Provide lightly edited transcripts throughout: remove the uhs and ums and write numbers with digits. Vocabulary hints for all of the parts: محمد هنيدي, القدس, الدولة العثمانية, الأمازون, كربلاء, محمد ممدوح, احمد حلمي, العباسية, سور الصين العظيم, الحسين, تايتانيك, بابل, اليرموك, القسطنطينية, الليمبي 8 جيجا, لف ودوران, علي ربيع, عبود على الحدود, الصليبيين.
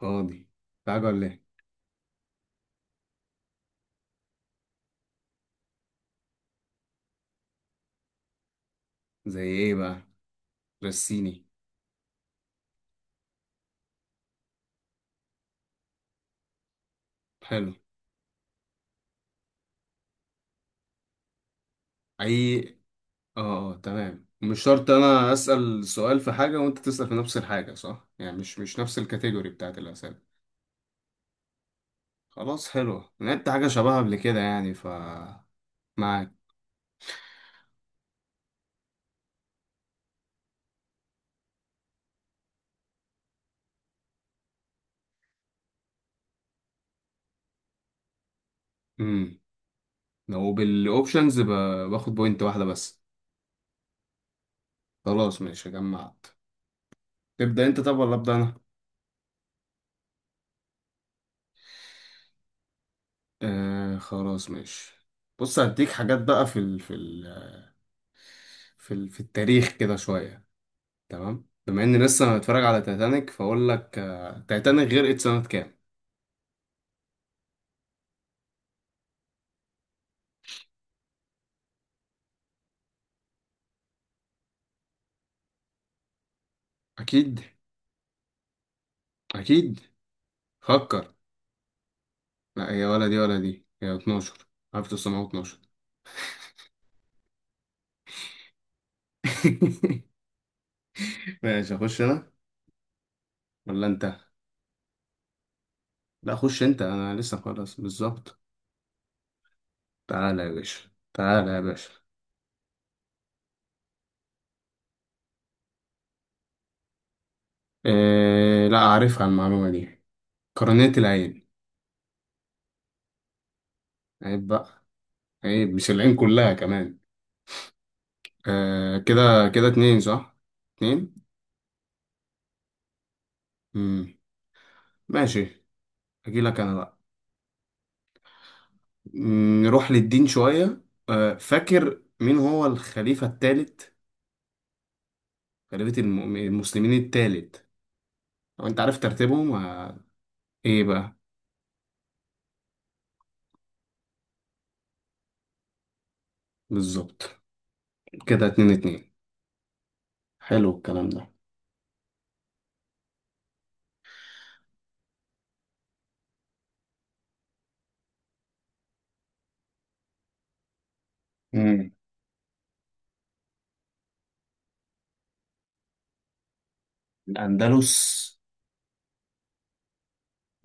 فاضي. تعالى ولا ايه؟ زي ايه بقى؟ رسيني. حلو. اي، اه، اه، تمام. مش شرط انا اسأل سؤال في حاجة وانت تسأل في نفس الحاجة، صح؟ يعني مش نفس الكاتيجوري بتاعت الأسئلة. خلاص، حلو، لعبت حاجة شبهها قبل كده يعني ف معاك. امم لو بالاوبشنز باخد بوينت واحدة بس. خلاص، ماشي، جمعت. تبدأ انت طب ولا ابدأ انا؟ آه، خلاص، ماشي. بص هديك حاجات بقى في التاريخ كده شوية. تمام، بما اني لسه متفرج على تايتانيك فاقول لك، تايتانيك غرقت سنة كام؟ اكيد. اكيد. فكر. لا هي ولا دي ولا دي، هي 12، 1912. ماشي، اخش انا ولا انت؟ لا، خش انت، انا لسه خلاص بالظبط. تعالى يا باشا، تعالى يا باشا. إيه، لا اعرفها المعلومة دي. قرنية العين. عيب بقى. عيب، مش العين كلها كمان. آه، كده. كده اتنين، صح؟ اتنين. مم. ماشي. اجيلك انا بقى. نروح للدين شوية. فاكر مين هو الخليفة الثالث؟ خليفة المسلمين الثالث. لو انت عارف ترتيبهم. ايه بقى؟ بالظبط. كده اتنين اتنين. حلو الكلام ده. مم. الأندلس.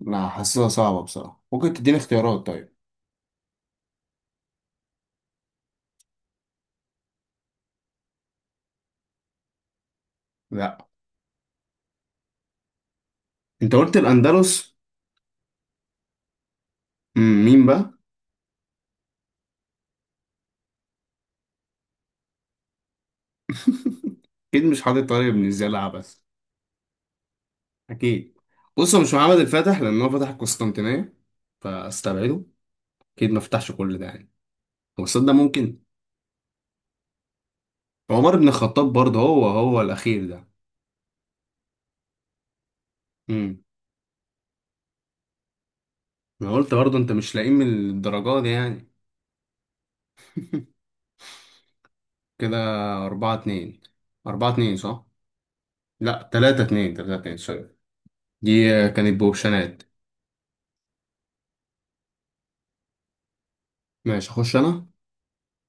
لا، حاسسها صعبة بصراحة، ممكن تديني اختيارات طيب؟ لا، انت قلت الأندلس. مم، مين بقى؟ اكيد مش حاطط طارق بن زياد عبس. اكيد. بص، هو مش محمد الفاتح لأن هو فتح القسطنطينية، فاستبعده. اكيد ما فتحش كل ده يعني. هو صدق، ممكن. عمر بن الخطاب برضه هو الأخير ده. امم. أنا قلت برضه أنت مش لاقيه من الدرجة دي يعني. كده أربعة اتنين، أربعة اتنين، صح؟ لا، تلاتة اتنين، تلاتة اتنين، سوري. دي كانت بوبشنات. ماشي، أخش أنا؟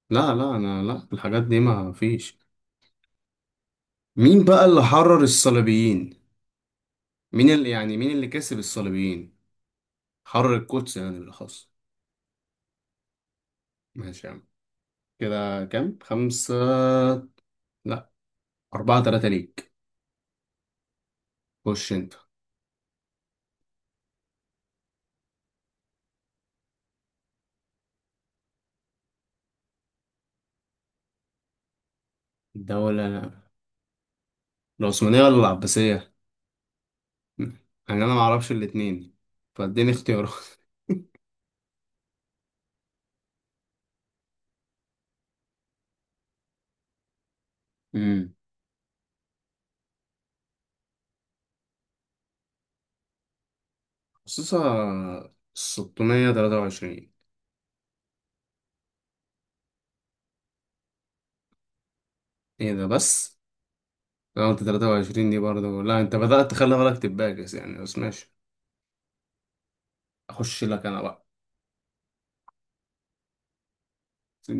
لا، لا، أنا لا، الحاجات دي ما فيش. مين بقى اللي حرر الصليبيين؟ مين اللي يعني، مين اللي كسب الصليبيين؟ حرر القدس يعني بالأخص. ماشي يا عم. كده كام؟ خمسة؟ لا، أربعة تلاتة ليك. خش أنت. الدولة العثمانية ولا العباسية؟ يعني انا ما اعرفش الاتنين، فاديني اختيارات. امم خصوصا 623. ايه ده بس؟ انا قلت 23 دي برضه، لا انت بدأت تخلي بالك تباكس يعني، بس ماشي. اخش لك انا بقى.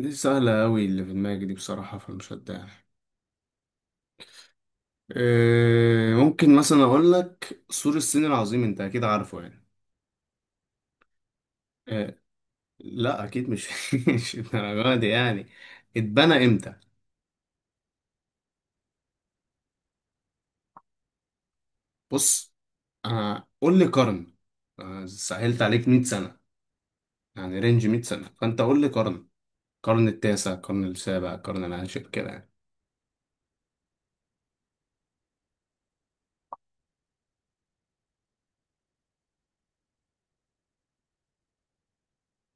دي سهلة قوي اللي في دماغي دي بصراحة، فمش هتضايق. إيه، ممكن مثلا اقول لك سور الصين العظيم، انت اكيد عارفه يعني. إيه، لا اكيد مش. مش الدرجة دي يعني. اتبنى امتى؟ بص، قول لي قرن. سهلت عليك 100 سنة، يعني رينج 100 سنة، فأنت قول لي قرن. قرن التاسع، قرن السابع، قرن العاشر كده يعني.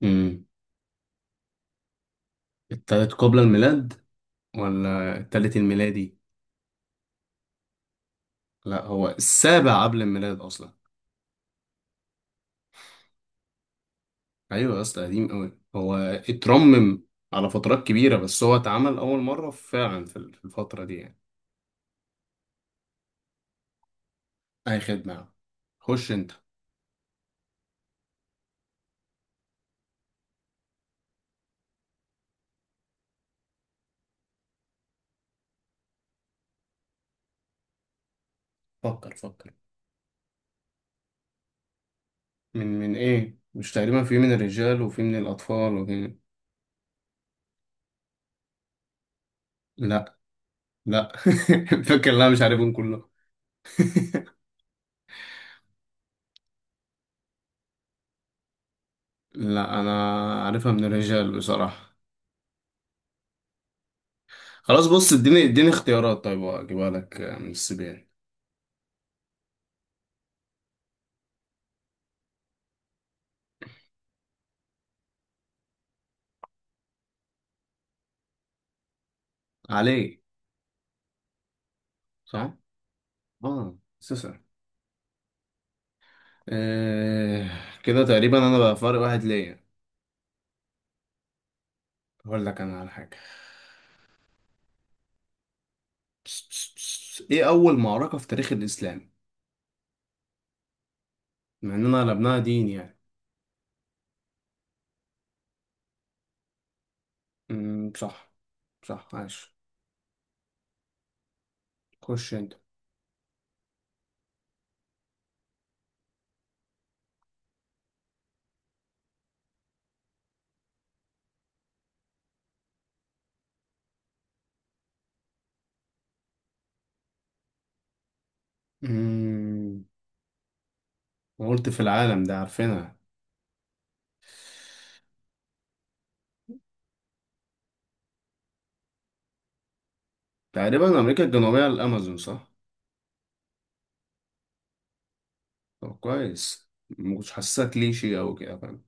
امم التالت قبل الميلاد ولا التالت الميلادي؟ لا، هو السابع قبل الميلاد أصلا. أيوة يا اسطى، قديم أوي هو. اترمم على فترات كبيرة، بس هو اتعمل أول مرة فعلا في الفترة دي يعني. أي خدمة يا عم. خش أنت. فكر، فكر. من إيه، مش تقريبا في من الرجال وفي من الأطفال وفي... لا، لا. فاكر، لا مش عارفهم كله. لا، انا عارفها من الرجال بصراحة. خلاص، بص، اديني اختيارات طيب، اجيبها لك من السبيان. علي. صح. اه، سوسة. آه كده تقريبا انا بقى فارق واحد ليا. هقول لك انا على حاجة. بس، بس، بس. ايه اول معركة في تاريخ الاسلام؟ مع اننا قلبناها دين يعني. صح، صح، عاش. خش انت. امم قلت في العالم ده عارفينها. تقريبا امريكا الجنوبيه على الامازون، صح؟ طب كويس، ما كنتش حاسسها كليشي او كده، فاهم.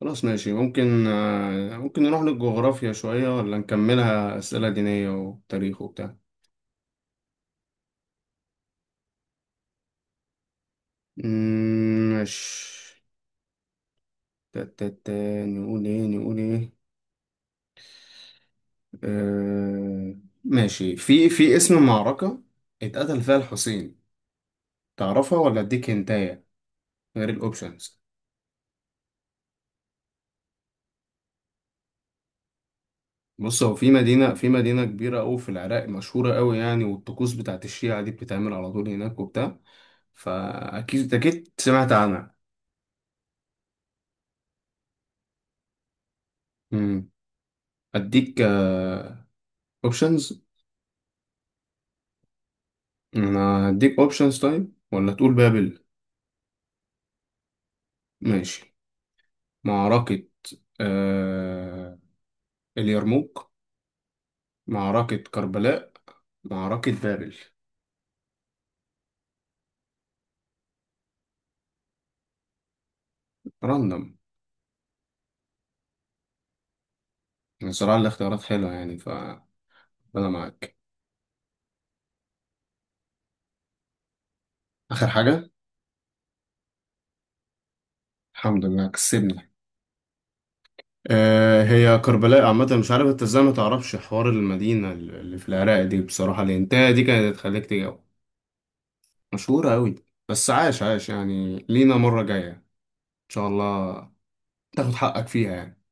خلاص ماشي، ممكن نروح للجغرافيا شويه ولا نكملها اسئله دينيه وتاريخ وبتاع. أمم، ماشي. تا- تا- تا، نقول ايه، نقول ايه؟ آه، ماشي، في اسم معركه اتقتل فيها الحسين، تعرفها ولا اديك هنتايه غير الاوبشنز؟ بص، هو في مدينة كبيرة أوي في العراق، مشهورة أوي يعني، والطقوس بتاعت الشيعة دي بتتعمل على طول هناك وبتاع. فأكيد، أكيد سمعت عنها. مم. أديك أوبشنز أنا أديك أوبشنز طيب، ولا تقول بابل؟ ماشي. معركة آه... اليرموك، معركة كربلاء، معركة بابل، راندوم. صراحة الاختيارات حلوة يعني، فأنا معاك. آخر حاجة. الحمد لله، كسبني. هي كربلاء عامة، مش عارف انت ازاي ما تعرفش، حوار المدينة اللي في العراق دي بصراحة، الانتهاء دي كانت هتخليك تجاوب. مشهورة أوي. بس عاش، عاش يعني، لينا مرة جاية إن شاء الله تاخد حقك فيها يعني.